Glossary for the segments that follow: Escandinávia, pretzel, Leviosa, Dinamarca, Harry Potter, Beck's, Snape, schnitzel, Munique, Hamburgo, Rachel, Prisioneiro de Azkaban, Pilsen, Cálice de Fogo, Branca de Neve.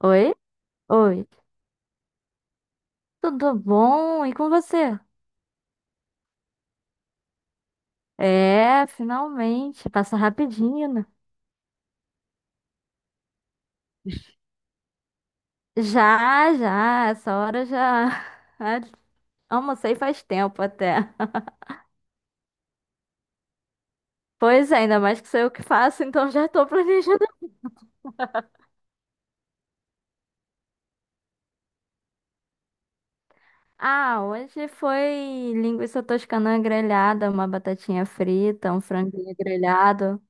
Oi? Oi. Tudo bom? E com você? É, finalmente. Passa rapidinho, né? Já, já. Essa hora já. Ah, almocei faz tempo até. Pois é, ainda mais que sou eu que faço, então já tô planejando. Ah, hoje foi linguiça toscana grelhada, uma batatinha frita, um franguinho grelhado.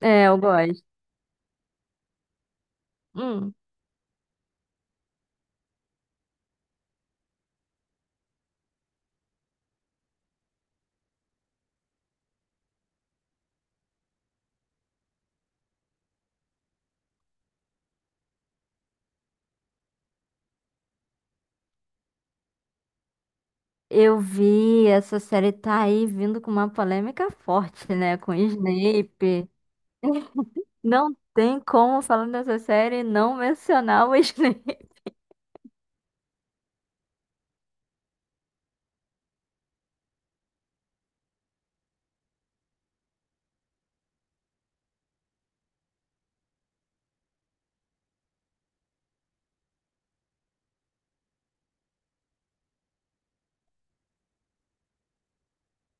É, eu gosto. Hum. Eu vi, essa série tá aí vindo com uma polêmica forte, né? Com o Snape. Não tem como, falando dessa série, não mencionar o Snape.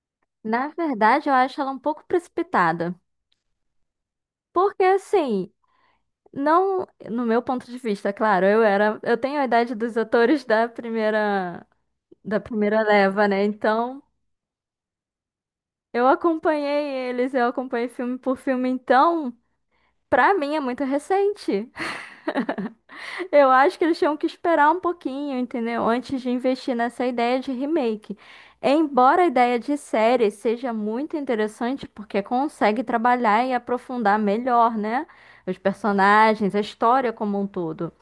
Na verdade, eu acho ela um pouco precipitada. Porque, assim, não. No meu ponto de vista, claro, eu era. Eu tenho a idade dos atores da primeira. Da primeira leva, né? Então, eu acompanhei eles, eu acompanhei filme por filme. Então, pra mim é muito recente. Eu acho que eles tinham que esperar um pouquinho, entendeu? Antes de investir nessa ideia de remake. Embora a ideia de série seja muito interessante, porque consegue trabalhar e aprofundar melhor, né? Os personagens, a história como um todo.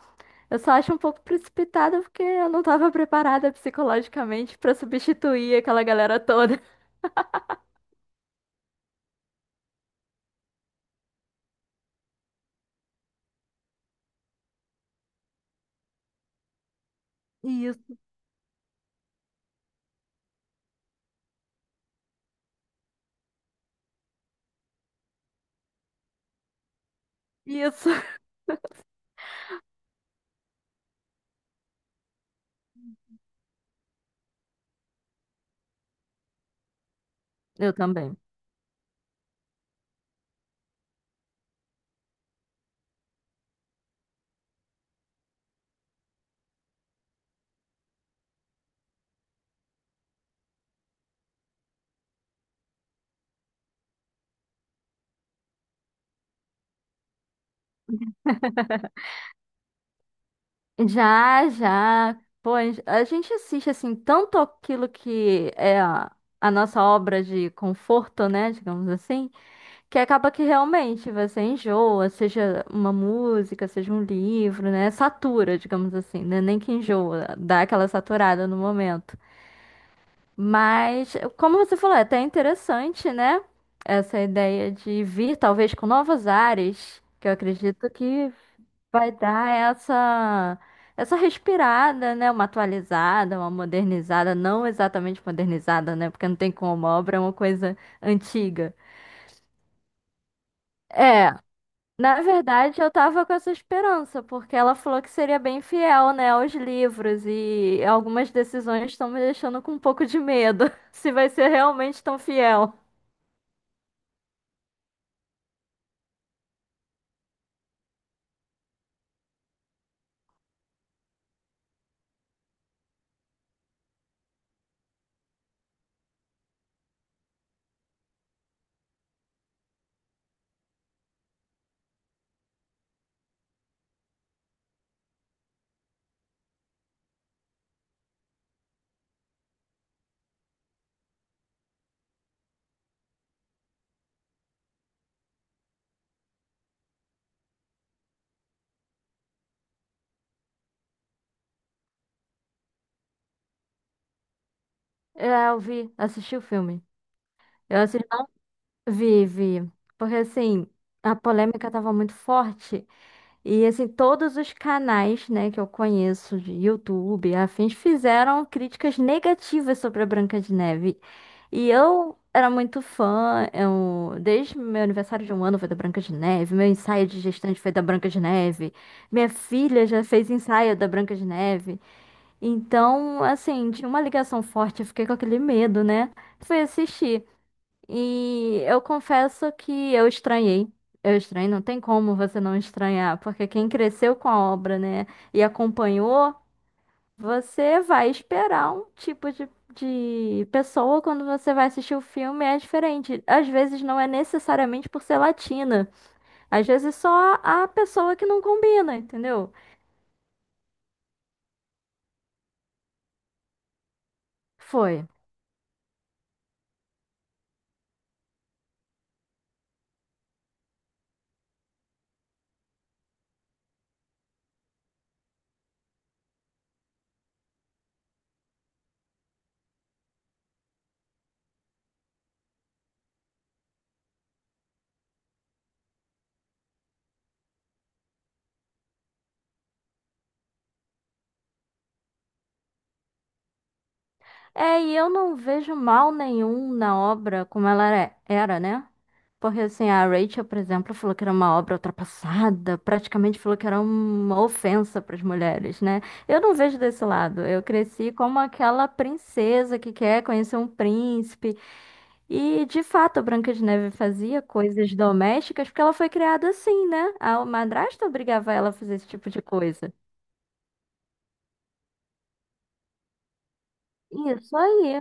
Eu só acho um pouco precipitada porque eu não estava preparada psicologicamente para substituir aquela galera toda. Isso, isso. Eu também. Já, já. Pô, a gente assiste assim tanto aquilo que é a nossa obra de conforto, né, digamos assim, que acaba que realmente você enjoa, seja uma música, seja um livro, né, satura, digamos assim, né, nem que enjoa, dá aquela saturada no momento. Mas, como você falou, é até interessante, né? Essa ideia de vir, talvez, com novas áreas, que eu acredito que vai dar essa, essa respirada, né? Uma atualizada, uma modernizada, não exatamente modernizada, né? Porque não tem como, a obra é uma coisa antiga. É, na verdade, eu tava com essa esperança, porque ela falou que seria bem fiel, né, aos livros, e algumas decisões estão me deixando com um pouco de medo, se vai ser realmente tão fiel. É, eu vi, assisti o filme. Eu assisti, vi, vi. Porque assim, a polêmica tava muito forte. E assim, todos os canais, né, que eu conheço de YouTube, e afins, fizeram críticas negativas sobre a Branca de Neve. E eu era muito fã, eu, desde meu aniversário de um ano foi da Branca de Neve, meu ensaio de gestante foi da Branca de Neve, minha filha já fez ensaio da Branca de Neve. Então, assim, tinha uma ligação forte, eu fiquei com aquele medo, né? Fui assistir. E eu confesso que eu estranhei. Eu estranhei, não tem como você não estranhar, porque quem cresceu com a obra, né, e acompanhou, você vai esperar um tipo de pessoa quando você vai assistir o filme, é diferente. Às vezes não é necessariamente por ser latina, às vezes só a pessoa que não combina, entendeu? Foi. É, e eu não vejo mal nenhum na obra como ela era, né? Porque assim, a Rachel, por exemplo, falou que era uma obra ultrapassada, praticamente falou que era uma ofensa para as mulheres, né? Eu não vejo desse lado. Eu cresci como aquela princesa que quer conhecer um príncipe. E, de fato, a Branca de Neve fazia coisas domésticas porque ela foi criada assim, né? A madrasta obrigava ela a fazer esse tipo de coisa. Isso aí.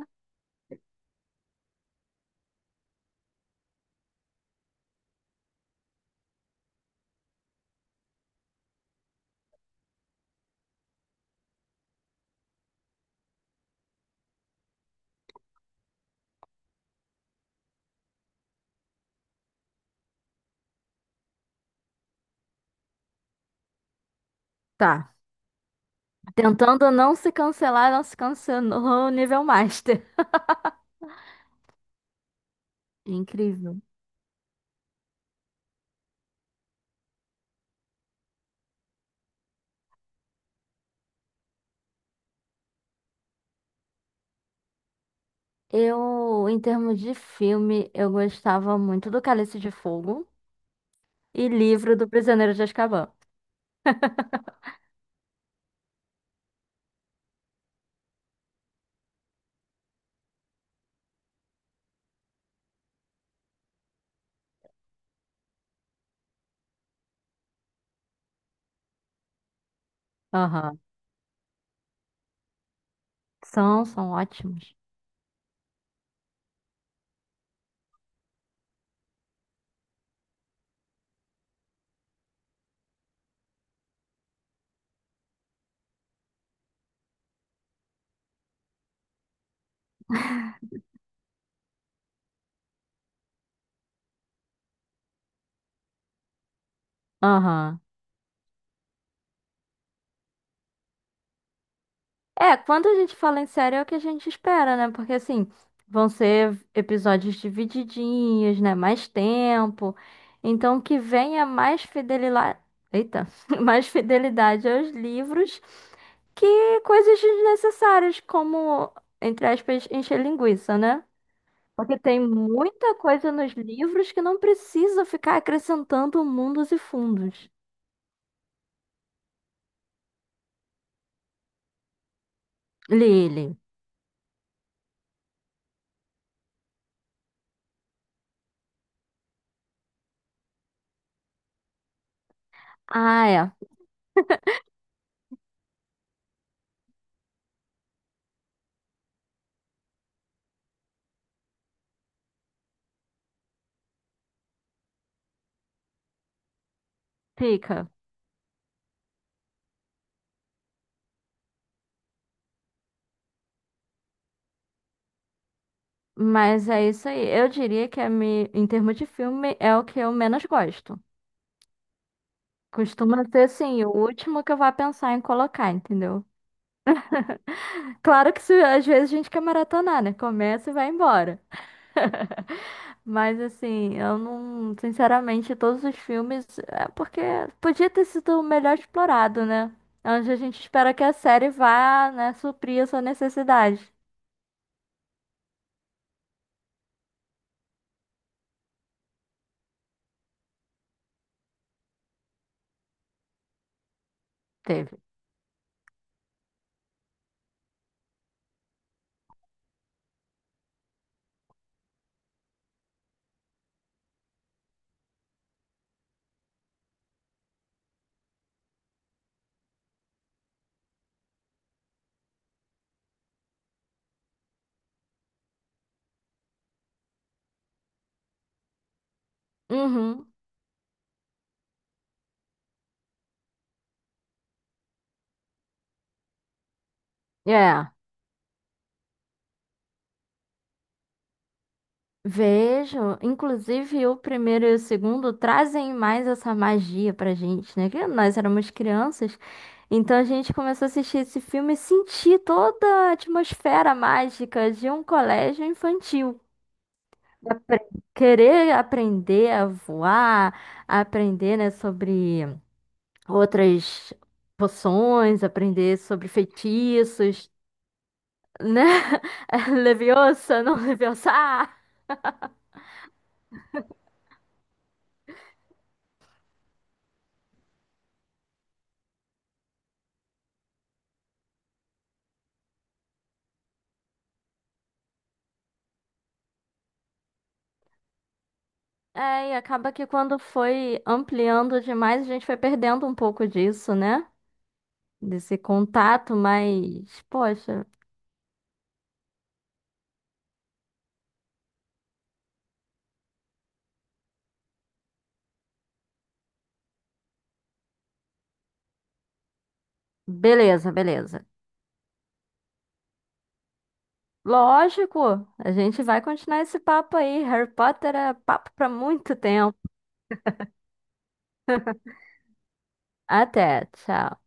Tá. Tentando não se cancelar, não se cancelou o nível master. Incrível. Eu, em termos de filme, eu gostava muito do Cálice de Fogo e livro do Prisioneiro de Azkaban. Aham. São, são ótimos. Aham. É, quando a gente fala em série é o que a gente espera, né? Porque assim, vão ser episódios divididinhos, né? Mais tempo. Então que venha mais fidelidade. Eita, mais fidelidade aos livros que coisas desnecessárias, como, entre aspas, encher linguiça, né? Porque tem muita coisa nos livros que não precisa ficar acrescentando mundos e fundos. Lili. Ah, é. Fica. Mas é isso aí. Eu diria que a em termos de filme é o que eu menos gosto. Costuma ser assim, o último que eu vá pensar em colocar, entendeu? Claro que se, às vezes a gente quer maratonar, né? Começa e vai embora. Mas assim, eu não, sinceramente, todos os filmes, é porque podia ter sido melhor explorado, né? É onde a gente espera que a série vá, né, suprir essa necessidade. Teve. Uhum. É. Vejo, inclusive o primeiro e o segundo trazem mais essa magia pra gente, né? Que nós éramos crianças, então a gente começou a assistir esse filme e sentir toda a atmosfera mágica de um colégio infantil. apre- Querer aprender a voar, a aprender, né, sobre outras poções, aprender sobre feitiços, né? Leviosa, não Leviosa. Ah! É, e acaba que quando foi ampliando demais, a gente foi perdendo um pouco disso, né? Desse contato, mas, poxa, beleza, beleza. Lógico, a gente vai continuar esse papo aí. Harry Potter é papo pra muito tempo. Até, tchau.